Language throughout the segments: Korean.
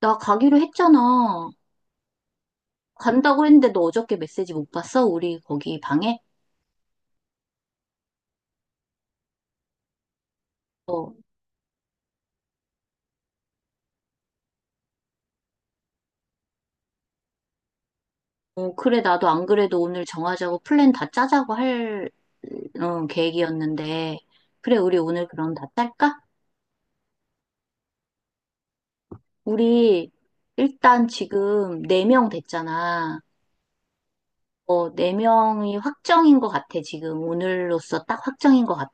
나 가기로 했잖아. 간다고 했는데 너 어저께 메시지 못 봤어? 우리 거기 방에? 어, 그래, 나도 안 그래도 오늘 정하자고 플랜 다 짜자고 할, 계획이었는데. 그래, 우리 오늘 그럼 다 짤까? 우리 일단 지금 네 명 됐잖아. 어, 네명이 확정인 것 같아, 지금. 오늘로써 딱 확정인 것 같아.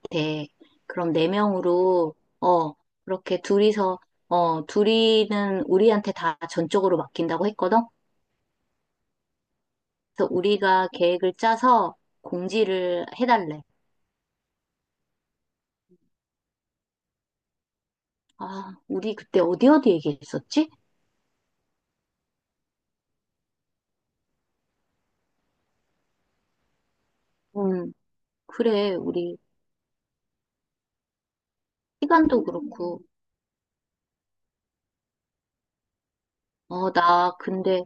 그럼 네명으로 어, 그렇게 둘이서, 둘이는 우리한테 다 전적으로 맡긴다고 했거든? 그래서 우리가 계획을 짜서 공지를 해달래. 아, 우리 그때 어디 얘기했었지? 음, 그래, 우리 시간도 그렇고. 나 근데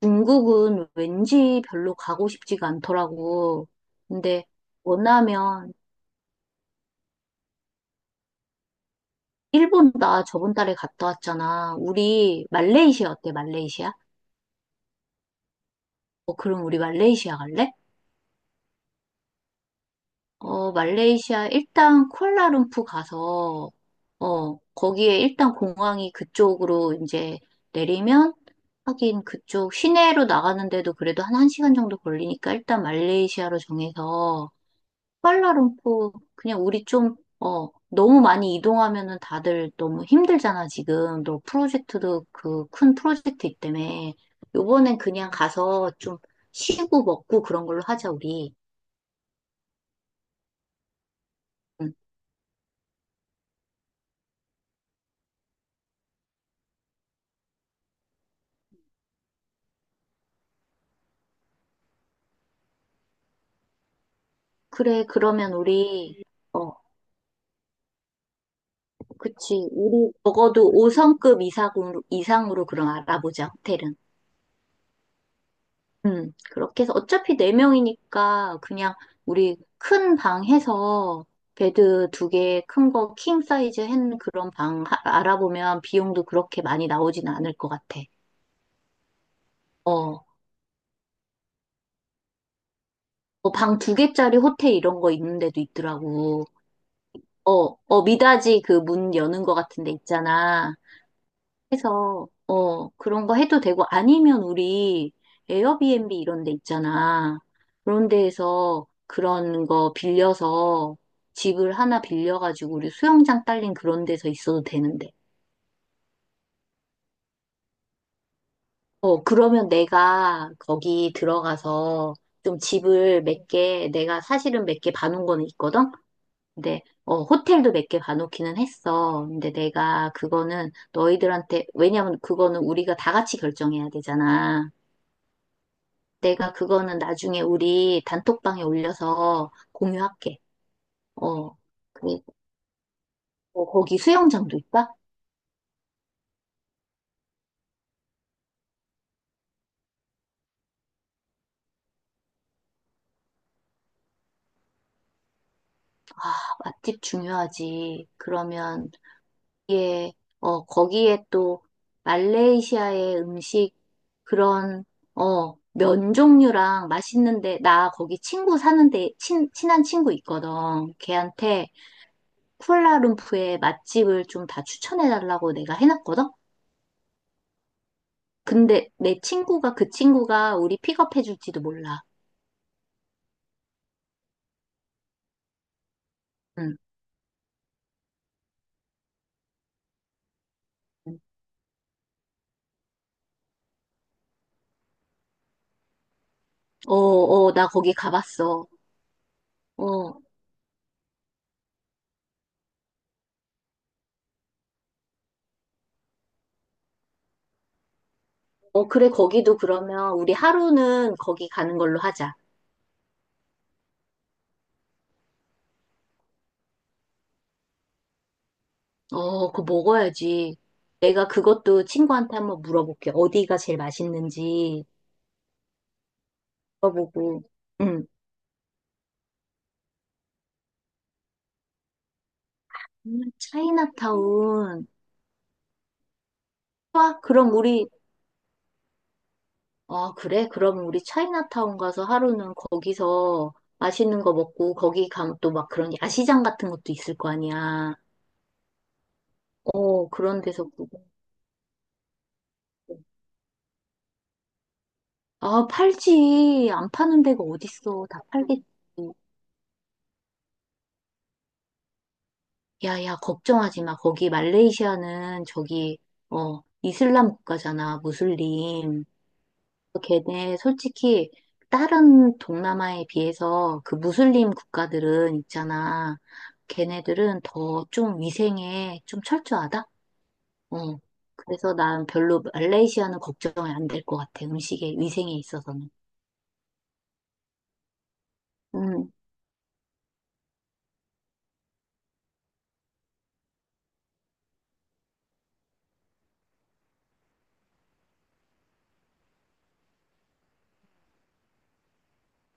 중국은 왠지 별로 가고 싶지가 않더라고. 근데 원하면 일본 나 저번 달에 갔다 왔잖아. 우리 말레이시아 어때, 말레이시아? 어, 그럼 우리 말레이시아 갈래? 어, 말레이시아 일단 쿠알라룸푸 가서 거기에 일단 공항이 그쪽으로 이제 내리면 하긴 그쪽 시내로 나가는데도 그래도 한 1시간 정도 걸리니까 일단 말레이시아로 정해서 쿠알라룸푸 그냥 우리 좀 너무 많이 이동하면은 다들 너무 힘들잖아, 지금. 너 프로젝트도 그 큰 프로젝트 있다며. 요번엔 그냥 가서 좀 쉬고 먹고 그런 걸로 하자, 우리. 음. 그래, 그러면 우리, 어, 그치. 우리 적어도 5성급 이상으로 그럼 알아보자, 호텔은. 그렇게 해서 어차피 4명이니까 그냥 우리 큰 방 해서 베드 두 개 큰 거 킹 사이즈 한 그런 방 알아보면 비용도 그렇게 많이 나오진 않을 것 같아. 어, 방 두 개짜리 호텔 이런 거 있는 데도 있더라고. 어, 미닫이 그 문 여는 거 같은 데 있잖아. 해서 어 그런 거 해도 되고 아니면 우리 에어비앤비 이런 데 있잖아. 그런 데에서 그런 거 빌려서 집을 하나 빌려가지고 우리 수영장 딸린 그런 데서 있어도 되는데. 어 그러면 내가 거기 들어가서 좀 집을 몇 개, 내가 사실은 몇 개 봐놓은 거는 있거든? 근데 어 호텔도 몇 개 봐놓기는 했어. 근데 내가 그거는 너희들한테 왜냐면 그거는 우리가 다 같이 결정해야 되잖아. 내가 그거는 나중에 우리 단톡방에 올려서 공유할게. 어, 그리 거기 수영장도 있다? 아, 맛집 중요하지. 그러면, 예, 거기에 또 말레이시아의 음식, 그런, 면 종류랑 맛있는데, 나 거기 친구 사는데, 친한 친구 있거든. 걔한테 쿠알라룸푸의 맛집을 좀 다 추천해달라고 내가 해놨거든? 근데 내 친구가 그 친구가 우리 픽업해줄지도 몰라. 응. 나 거기 가봤어. 어, 그래, 거기도 그러면 우리 하루는 거기 가는 걸로 하자. 어, 그거 먹어야지. 내가 그것도 친구한테 한번 물어볼게. 어디가 제일 맛있는지 물어보고. 응. 차이나타운. 좋아, 그럼 우리 아, 그래? 그럼 우리 차이나타운 가서 하루는 거기서 맛있는 거 먹고 거기 가면 또 막 그런 야시장 같은 것도 있을 거 아니야. 그런 데서 구경하고. 아, 팔지. 안 파는 데가 어딨어. 다 팔겠지. 야, 야, 걱정하지 마. 거기 말레이시아는 저기, 이슬람 국가잖아, 무슬림. 걔네 솔직히 다른 동남아에 비해서 그 무슬림 국가들은 있잖아. 걔네들은 더 좀 위생에 좀 철저하다? 어. 그래서 난 별로 말레이시아는 걱정이 안 될 것 같아. 음식에, 위생에 있어서는. 음,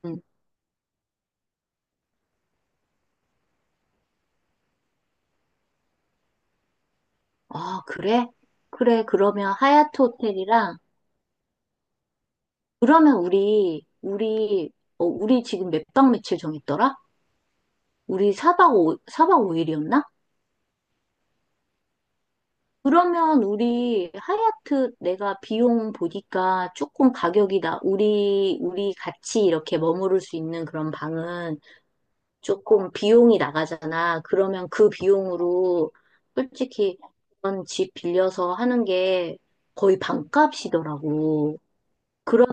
음. 아, 그래? 그래. 그러면 하얏트 호텔이랑, 그러면 우리, 우리, 어, 우리 지금 몇 박 며칠 정했더라? 우리 사박오 4박 5일이었나? 그러면 우리 하얏트 내가 비용 보니까 조금 가격이 우리 같이 이렇게 머무를 수 있는 그런 방은 조금 비용이 나가잖아. 그러면 그 비용으로 솔직히 그런 집 빌려서 하는 게 거의 반값이더라고. 그러,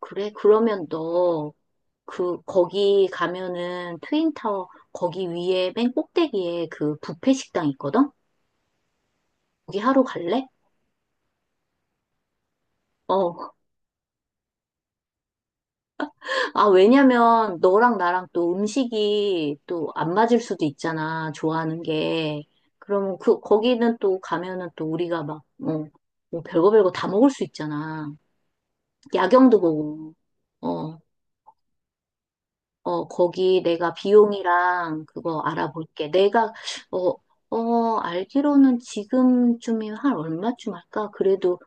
그래? 그러면 너 거기 가면은 트윈타워 거기 위에 맨 꼭대기에 그 뷔페 식당 있거든? 거기 하러 갈래? 어, 아, 왜냐면 너랑 나랑 또 음식이 또 안 맞을 수도 있잖아, 좋아하는 게. 그러면 거기는 또 가면은 또 우리가 막, 뭐 별거 다 먹을 수 있잖아. 야경도 보고, 어, 거기 내가 비용이랑 그거 알아볼게. 내가, 어, 알기로는 지금쯤이면 한 얼마쯤 할까? 그래도,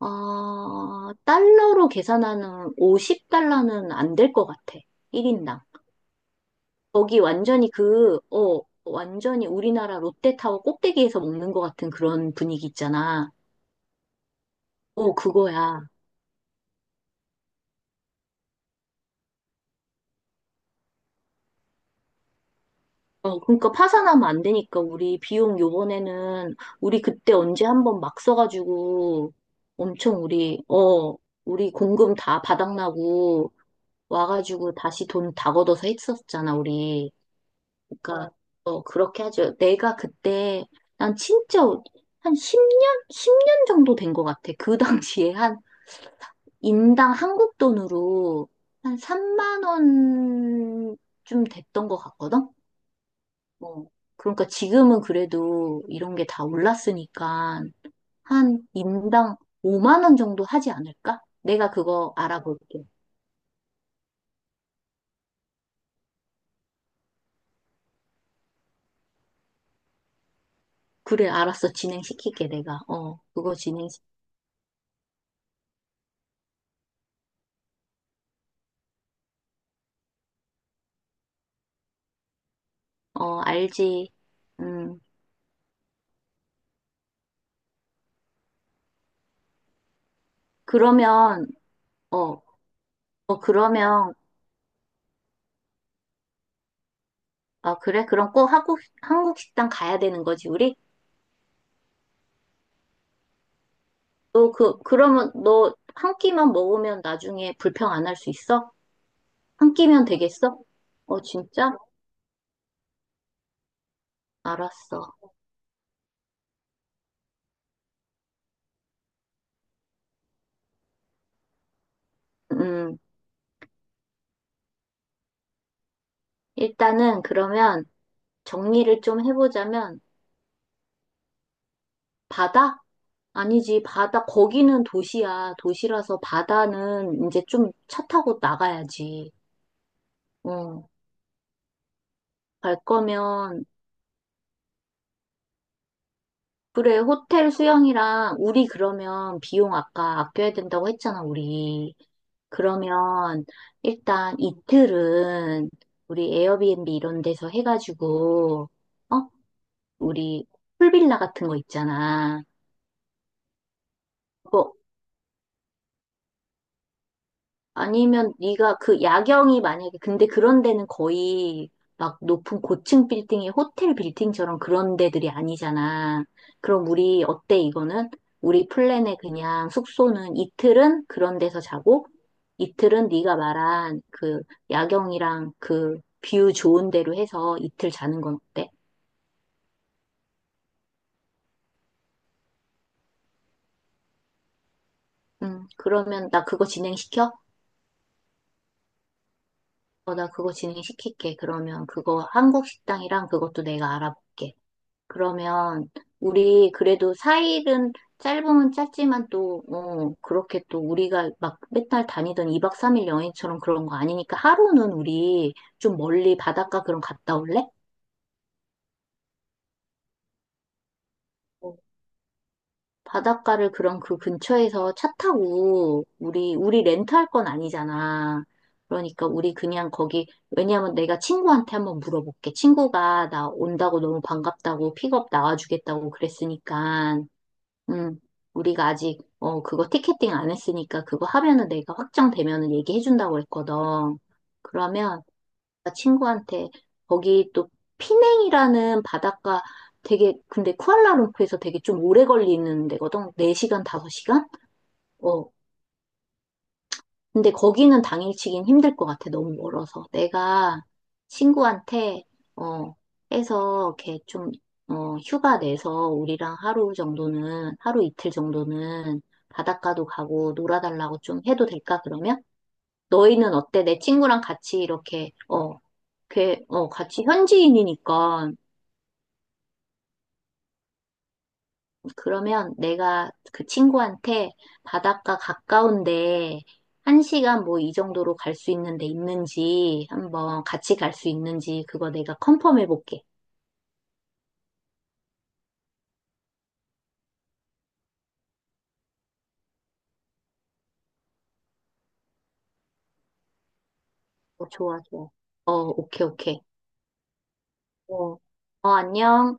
달러로 계산하는 50달러는 안 될 것 같아. 1인당. 거기 완전히 완전히 우리나라 롯데타워 꼭대기에서 먹는 것 같은 그런 분위기 있잖아. 어, 그거야. 어, 그러니까 파산하면 안 되니까 우리 비용 요번에는 우리 그때 언제 한번 막 써가지고 엄청 우리 공금 다 바닥나고 와가지고 다시 돈 다 걷어서 했었잖아, 우리. 그러니까, 그렇게 하죠. 내가 그때 난 진짜 한 10년? 10년 정도 된 것 같아. 그 당시에 한 인당 한국 돈으로 한 3만 원쯤 됐던 것 같거든? 뭐, 그러니까 지금은 그래도 이런 게 다 올랐으니까 한 인당 5만 원 정도 하지 않을까? 내가 그거 알아볼게. 그래, 알았어. 진행시킬게, 내가. 알지. 음, 그러면, 어, 어, 그러면, 아, 그래? 그럼 꼭 한국, 한국 식당 가야 되는 거지, 우리? 너 그러면 너 한 끼만 먹으면 나중에 불평 안 할 수 있어? 한 끼면 되겠어? 어, 진짜? 알았어. 음, 일단은 그러면 정리를 좀 해보자면, 바다? 아니지, 바다, 거기는 도시야. 도시라서 바다는 이제 좀 차 타고 나가야지. 어, 갈 거면 그래, 호텔 수영이랑 우리 그러면 비용 아까 아껴야 된다고 했잖아, 우리. 그러면 일단 이틀은 우리 에어비앤비 이런 데서 해가지고, 어? 우리 풀빌라 같은 거 있잖아. 그거 아니면 네가 그 야경이 만약에 근데 그런 데는 거의 막 높은 고층 빌딩의 호텔 빌딩처럼 그런 데들이 아니잖아. 그럼 우리 어때 이거는? 우리 플랜에 그냥 숙소는 이틀은 그런 데서 자고 이틀은 네가 말한 그 야경이랑 그 뷰 좋은 데로 해서 이틀 자는 건 어때? 그러면 나 그거 진행시켜? 어, 나 그거 진행시킬게. 그러면 그거 한국 식당이랑 그것도 내가 알아볼게. 그러면 우리 그래도 사일은 짧으면 짧지만 또, 그렇게 또 우리가 막 맨날 다니던 2박 3일 여행처럼 그런 거 아니니까 하루는 우리 좀 멀리 바닷가 그런 갔다 올래? 어, 바닷가를 그런 그 근처에서 차 타고 우리 렌트할 건 아니잖아. 그러니까 우리 그냥 거기, 왜냐면 내가 친구한테 한번 물어볼게. 친구가 나 온다고 너무 반갑다고 픽업 나와주겠다고 그랬으니까. 음, 우리가 아직, 그거 티켓팅 안 했으니까 그거 하면은 내가 확정되면은 얘기해준다고 했거든. 그러면 나 친구한테 거기 또 피냉이라는 바닷가 되게, 근데 쿠알라룸푸르에서 되게 좀 오래 걸리는 데거든. 4시간, 5시간? 어, 근데 거기는 당일치기는 힘들 것 같아. 너무 멀어서. 내가 친구한테, 어, 해서 이렇게 좀, 휴가 내서 우리랑 하루 정도는, 하루 이틀 정도는 바닷가도 가고 놀아달라고 좀 해도 될까, 그러면? 너희는 어때? 내 친구랑 같이 이렇게, 같이 현지인이니까 그러면 내가 그 친구한테 바닷가 가까운데 한 시간 뭐 이 정도로 갈 수 있는데 있는지 한번 같이 갈 수 있는지 그거 내가 컨펌 해볼게. 어, 좋아, 좋아. 어, 오케이, 오케이. 어, 안녕.